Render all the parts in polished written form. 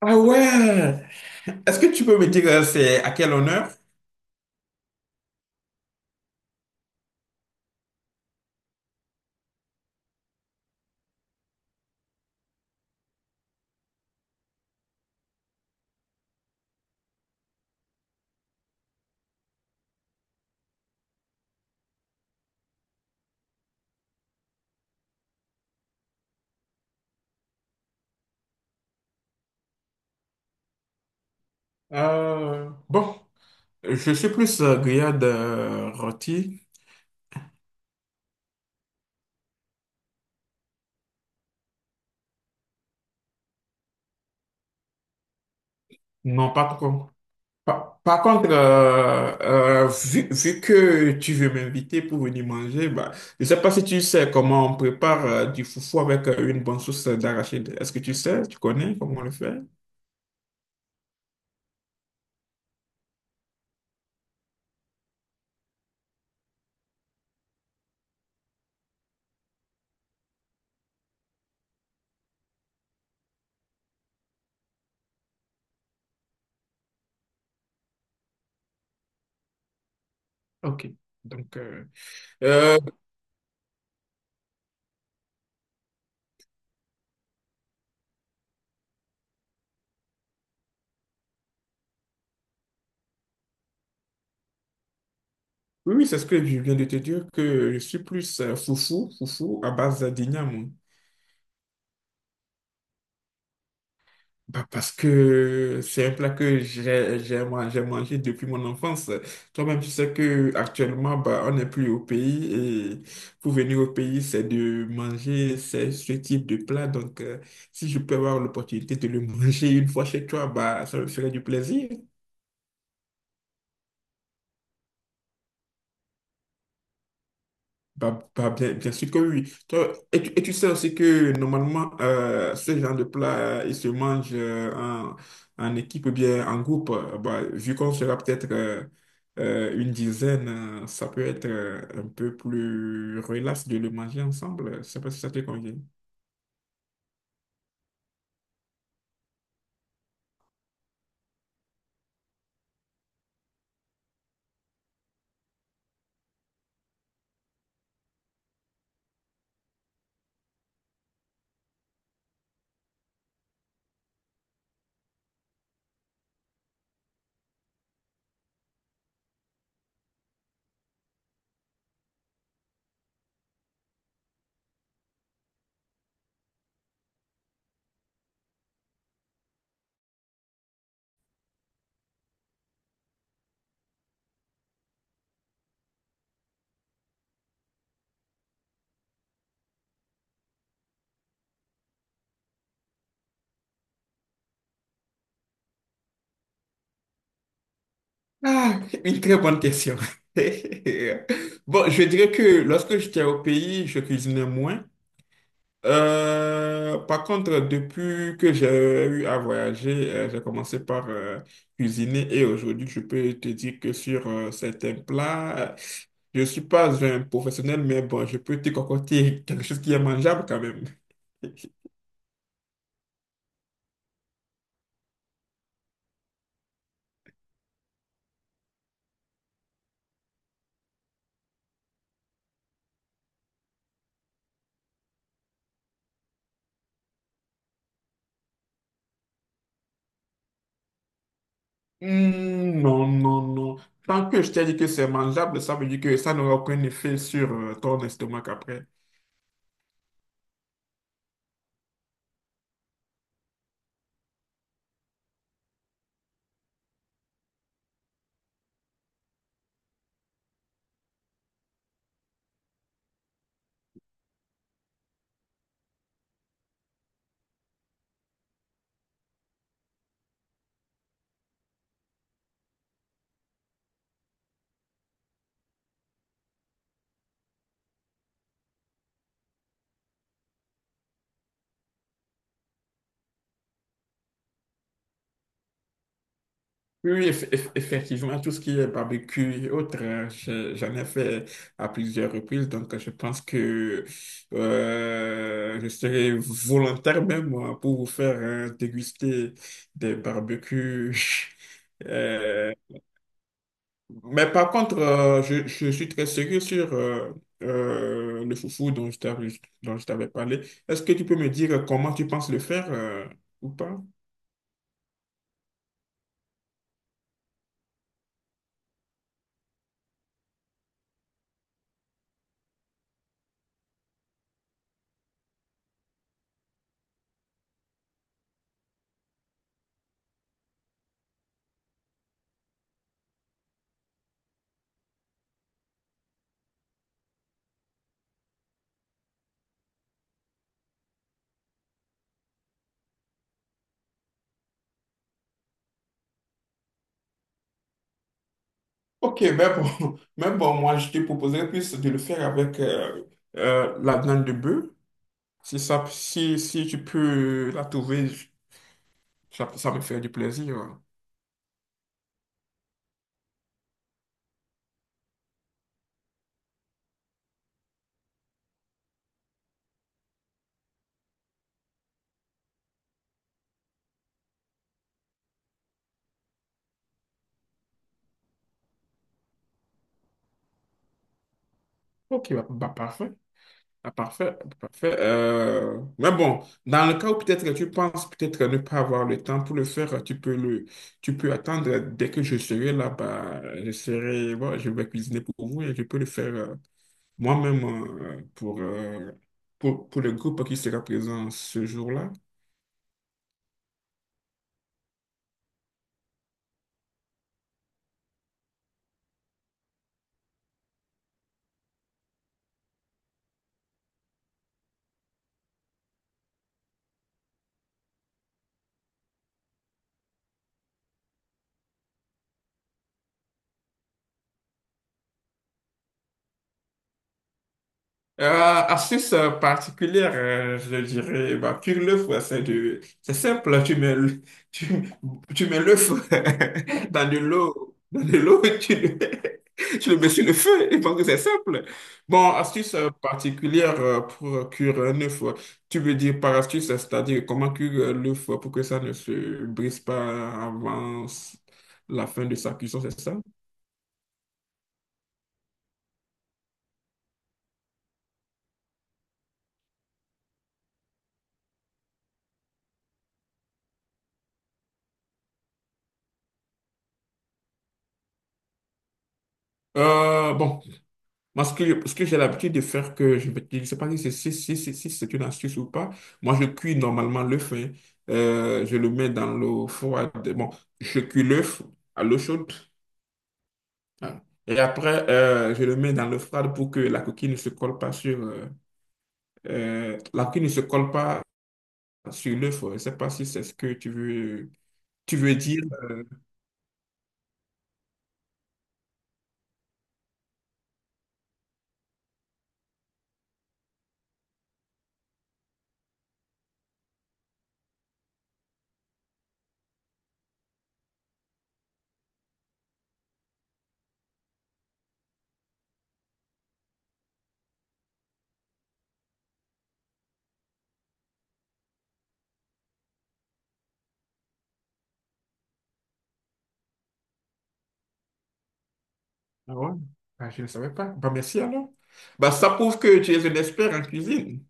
Ah ouais! Est-ce que tu peux me dire c'est à quel honneur? Bon, je suis plus grillade rôti. Non, pas trop. Par contre, vu que tu veux m'inviter pour venir manger, bah, je sais pas si tu sais comment on prépare du foufou avec une bonne sauce d'arachide. Est-ce que tu sais, tu connais comment on le fait? Ok. Donc, euh, oui, oui, c'est ce que je viens de te dire, que je suis plus foufou, foufou à base d'igname. Bah, parce que c'est un plat que j'ai mangé depuis mon enfance. Toi-même, tu sais que actuellement, bah, on n'est plus au pays et pour venir au pays, c'est de manger ce type de plat. Donc, si je peux avoir l'opportunité de le manger une fois chez toi, bah, ça me ferait du plaisir. Bah, bah, bien, bien sûr que oui. Toi, et tu sais aussi que normalement, ce genre de plat, il se mange en, en équipe ou bien en groupe. Bah, vu qu'on sera peut-être une dizaine, ça peut être un peu plus relax de le manger ensemble. Je sais pas si ça te convient. Ah, une très bonne question. Bon, je dirais que lorsque j'étais au pays, je cuisinais moins. Par contre, depuis que j'ai eu à voyager, j'ai commencé par cuisiner et aujourd'hui, je peux te dire que sur certains plats, je suis pas un professionnel, mais bon, je peux te concocter quelque chose qui est mangeable quand même. Hmm, non, non, non. Tant que je t'ai dit que c'est mangeable, ça veut dire que ça n'aura aucun effet sur ton estomac après. Oui, effectivement, tout ce qui est barbecue et autres, j'en ai fait à plusieurs reprises, donc je pense que je serai volontaire même moi pour vous faire déguster des barbecues. Euh, mais par contre, je suis très sérieux sur le foufou dont je t'avais parlé. Est-ce que tu peux me dire comment tu penses le faire ou pas? Ok, mais bon, mais bon, moi, je te proposerais plus de le faire avec la viande de bœuf. Si ça, si, si tu peux la trouver, ça, ça me fait du plaisir, hein. Ok, bah, bah, parfait. Ah, parfait, parfait. Mais bon, dans le cas où peut-être tu penses peut-être ne pas avoir le temps pour le faire, tu peux attendre dès que je serai là-bas. Je serai, bon, je vais cuisiner pour vous et je peux le faire. Moi-même, pour, pour le groupe qui sera présent ce jour-là. Euh, Astuce particulière, je dirais, bah, cuire l'œuf, ouais, c'est c'est simple, tu, tu mets l'œuf dans de l'eau, tu le mets sur le feu, et pense que c'est simple. Bon, astuce particulière pour cuire un œuf, ouais. Tu veux dire par astuce, c'est-à-dire comment cuire l'œuf pour que ça ne se brise pas avant la fin de sa cuisson, c'est ça? Bon. Moi, ce que, ce que j'ai l'habitude de faire, que je ne sais pas si c'est si c'est une astuce ou pas, moi, je cuis normalement l'œuf, hein. Je le mets dans l'eau froide. Bon, je cuis l'œuf à l'eau chaude, hein. Et après, je le mets dans l'eau froide pour que la coquille ne se colle pas sur... la coquille ne se colle pas sur l'œuf. Je ne sais pas si c'est ce que tu veux dire. Euh. Ah ouais? Ah, je ne savais pas. Bah, merci alors. Bah, ça prouve que tu es un expert en cuisine.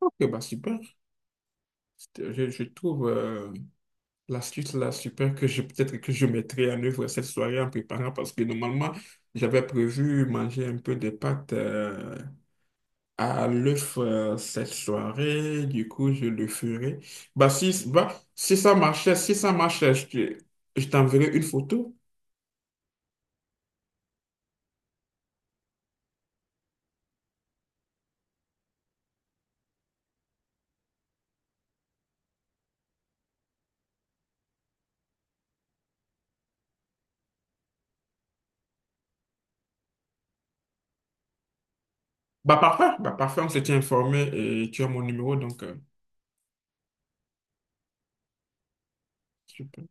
Ok, bah super. C'était- je trouve l'astuce là super que je peut-être que je mettrai en œuvre cette soirée en préparant parce que normalement j'avais prévu manger un peu de pâtes à l'œuf cette soirée. Du coup, je le ferai. Bah, si ça marchait, si ça marchait, je t'enverrai une photo. Bah parfait, on s'était informé et tu as mon numéro donc. Euh. Super.